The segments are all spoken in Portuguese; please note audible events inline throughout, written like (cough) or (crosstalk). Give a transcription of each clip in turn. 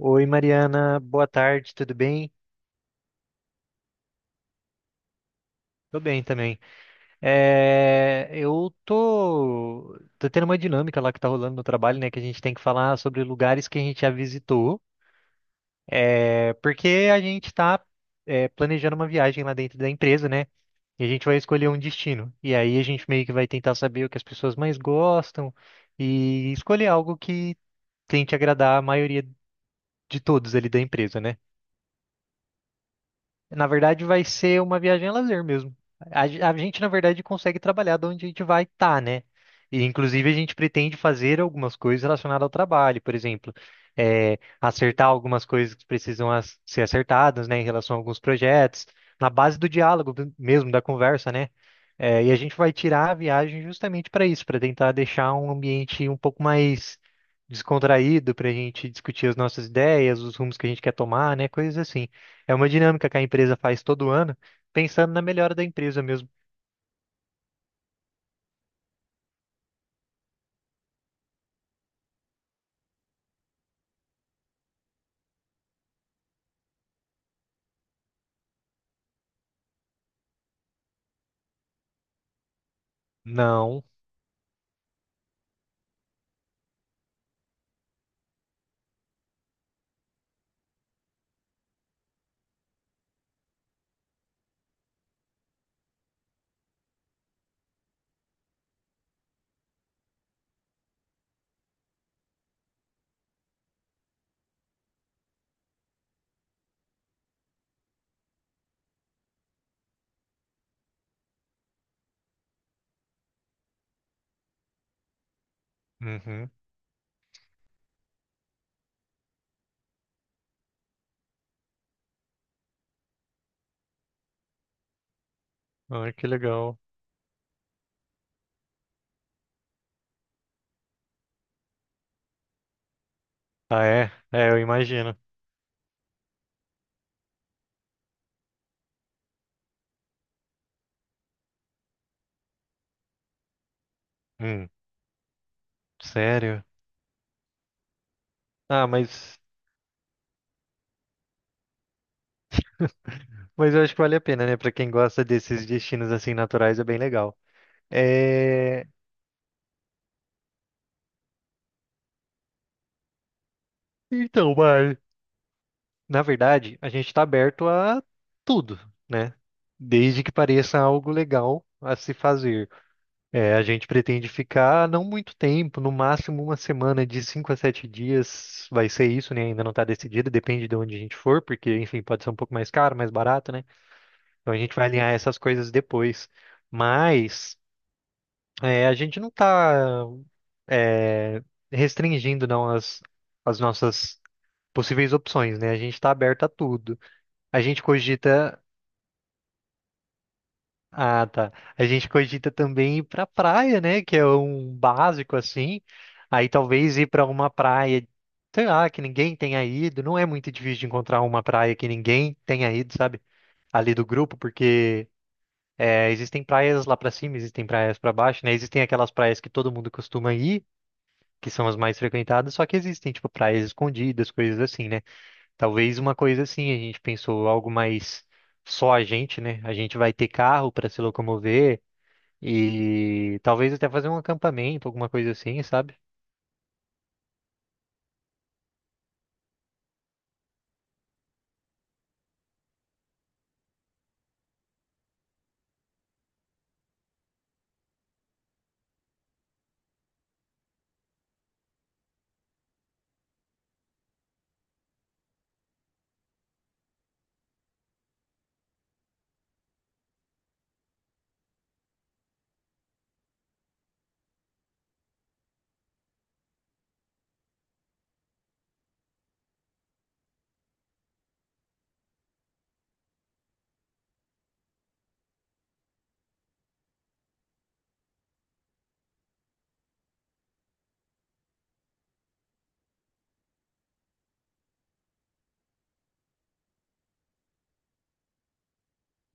Oi, Mariana, boa tarde, tudo bem? Tô bem também. É, eu tô tendo uma dinâmica lá que tá rolando no trabalho, né? Que a gente tem que falar sobre lugares que a gente já visitou, porque a gente tá planejando uma viagem lá dentro da empresa, né? E a gente vai escolher um destino. E aí a gente meio que vai tentar saber o que as pessoas mais gostam e escolher algo que tente agradar a maioria de todos ali da empresa, né? Na verdade, vai ser uma viagem a lazer mesmo. A gente, na verdade, consegue trabalhar de onde a gente vai estar, né? E, inclusive, a gente pretende fazer algumas coisas relacionadas ao trabalho, por exemplo, acertar algumas coisas que precisam ser acertadas, né, em relação a alguns projetos, na base do diálogo mesmo, da conversa, né? E a gente vai tirar a viagem justamente para isso, para tentar deixar um ambiente um pouco mais descontraído, para a gente discutir as nossas ideias, os rumos que a gente quer tomar, né? Coisas assim. É uma dinâmica que a empresa faz todo ano, pensando na melhora da empresa mesmo. Não. Uhum. Ai, que legal. Ah, é? É, eu imagino. Hum, sério? Ah, mas eu acho que vale a pena, né? Pra quem gosta desses destinos assim naturais, é bem legal. É. Então, mas, na verdade, a gente tá aberto a tudo, né? Desde que pareça algo legal a se fazer. É, a gente pretende ficar não muito tempo, no máximo uma semana de cinco a sete dias vai ser isso, né? Ainda não está decidido, depende de onde a gente for, porque, enfim, pode ser um pouco mais caro, mais barato, né? Então a gente vai alinhar essas coisas depois. Mas a gente não está é, restringindo não as nossas possíveis opções, né? A gente está aberto a tudo. A gente cogita. Ah, tá. A gente cogita também ir pra praia, né? Que é um básico assim. Aí talvez ir pra uma praia, sei lá, que ninguém tenha ido. Não é muito difícil de encontrar uma praia que ninguém tenha ido, sabe? Ali do grupo, porque existem praias lá pra cima, existem praias pra baixo, né? Existem aquelas praias que todo mundo costuma ir, que são as mais frequentadas, só que existem, tipo, praias escondidas, coisas assim, né? Talvez uma coisa assim, a gente pensou algo mais só a gente, né? A gente vai ter carro pra se locomover. E talvez até fazer um acampamento, alguma coisa assim, sabe?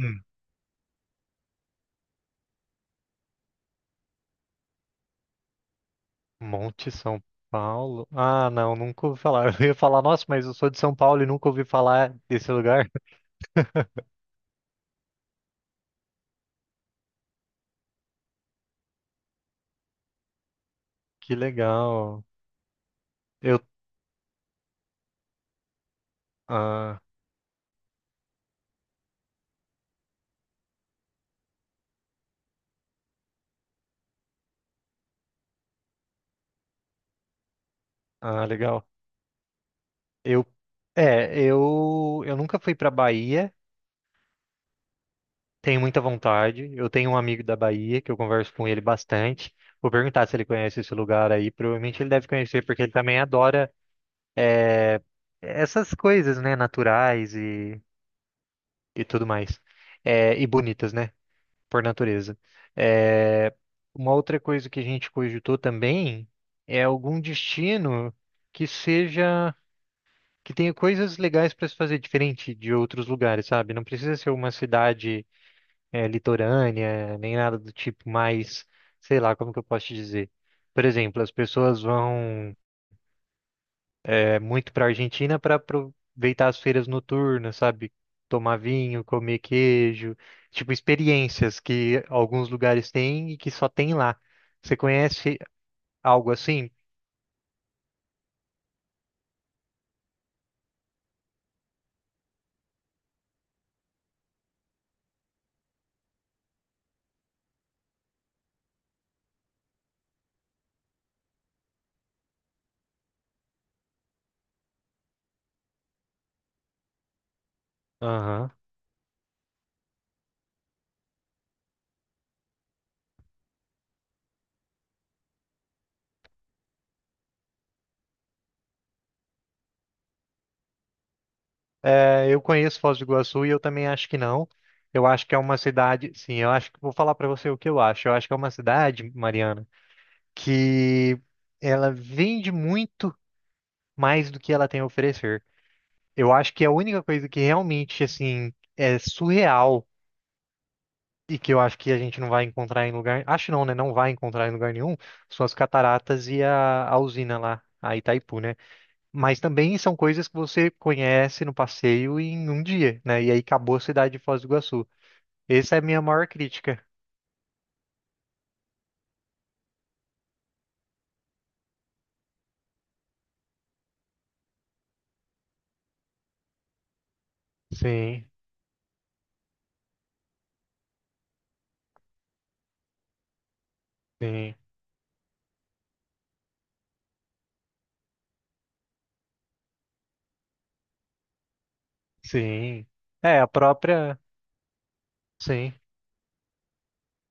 Hum. Monte São Paulo. Ah, não, nunca ouvi falar. (laughs) Eu ia falar, nossa, mas eu sou de São Paulo e nunca ouvi falar desse lugar. (laughs) Que legal. Eu, ah, ah, legal. Eu, eu nunca fui pra Bahia. Tenho muita vontade. Eu tenho um amigo da Bahia que eu converso com ele bastante. Vou perguntar se ele conhece esse lugar aí. Provavelmente ele deve conhecer, porque ele também adora, é, essas coisas, né, naturais e tudo mais. É, e bonitas, né? Por natureza. É, uma outra coisa que a gente cogitou também é algum destino que seja, que tenha coisas legais para se fazer diferente de outros lugares, sabe? Não precisa ser uma cidade, litorânea, nem nada do tipo, mas, sei lá, como que eu posso te dizer? Por exemplo, as pessoas vão é muito para a Argentina para aproveitar as feiras noturnas, sabe? Tomar vinho, comer queijo, tipo experiências que alguns lugares têm e que só tem lá. Você conhece algo assim? Aham. É, eu conheço Foz do Iguaçu e eu também acho que não. Eu acho que é uma cidade, sim, eu acho que vou falar para você o que eu acho. Eu acho que é uma cidade, Mariana, que ela vende muito mais do que ela tem a oferecer. Eu acho que é a única coisa que realmente assim é surreal e que eu acho que a gente não vai encontrar em lugar, acho não, né? Não vai encontrar em lugar nenhum, são as cataratas e a usina lá, a Itaipu, né? Mas também são coisas que você conhece no passeio em um dia, né? E aí acabou a cidade de Foz do Iguaçu. Essa é a minha maior crítica. Sim, sim, sim. É, a própria, sim.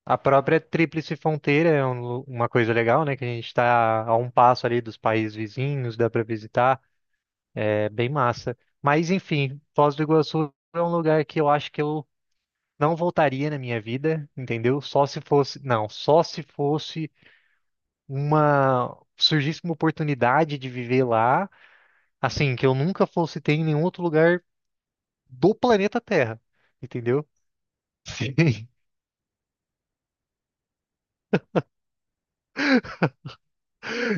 A própria Tríplice Fronteira é uma coisa legal, né? Que a gente está a um passo ali dos países vizinhos, dá para visitar. É bem massa. Mas enfim, Foz do Iguaçu é um lugar que eu acho que eu não voltaria na minha vida, entendeu? Só se fosse, não, só se fosse uma surgisse uma oportunidade de viver lá, assim, que eu nunca fosse ter em nenhum outro lugar do planeta Terra, entendeu? Sim. (laughs)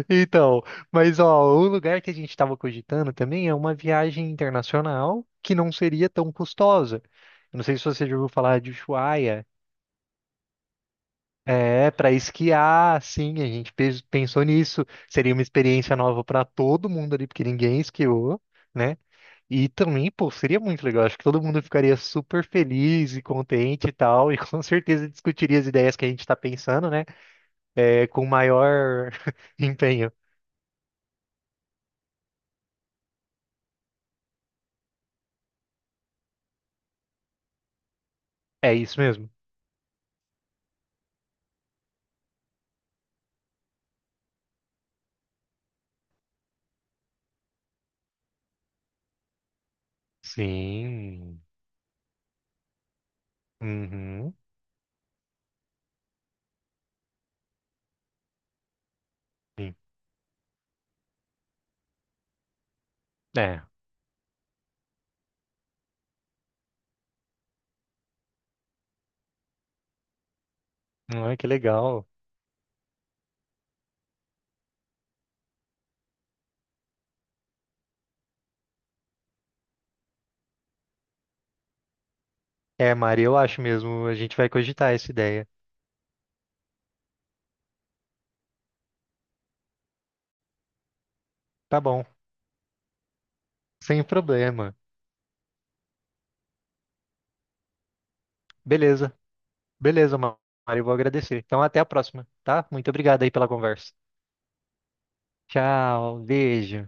Então, mas ó, o lugar que a gente estava cogitando também é uma viagem internacional que não seria tão custosa. Eu não sei se você já ouviu falar de Ushuaia? É, para esquiar, sim, a gente pensou nisso. Seria uma experiência nova para todo mundo ali, porque ninguém esquiou, né? E também, pô, seria muito legal. Acho que todo mundo ficaria super feliz e contente e tal, e (laughs) com certeza discutiria as ideias que a gente está pensando, né? É, com maior (laughs) empenho. É isso mesmo. Sim. Uhum. Sim. É. Ai, que legal. É, Mari, eu acho mesmo. A gente vai cogitar essa ideia. Tá bom, sem problema. Beleza. Beleza, Mário, eu vou agradecer. Então, até a próxima, tá? Muito obrigado aí pela conversa. Tchau, beijo.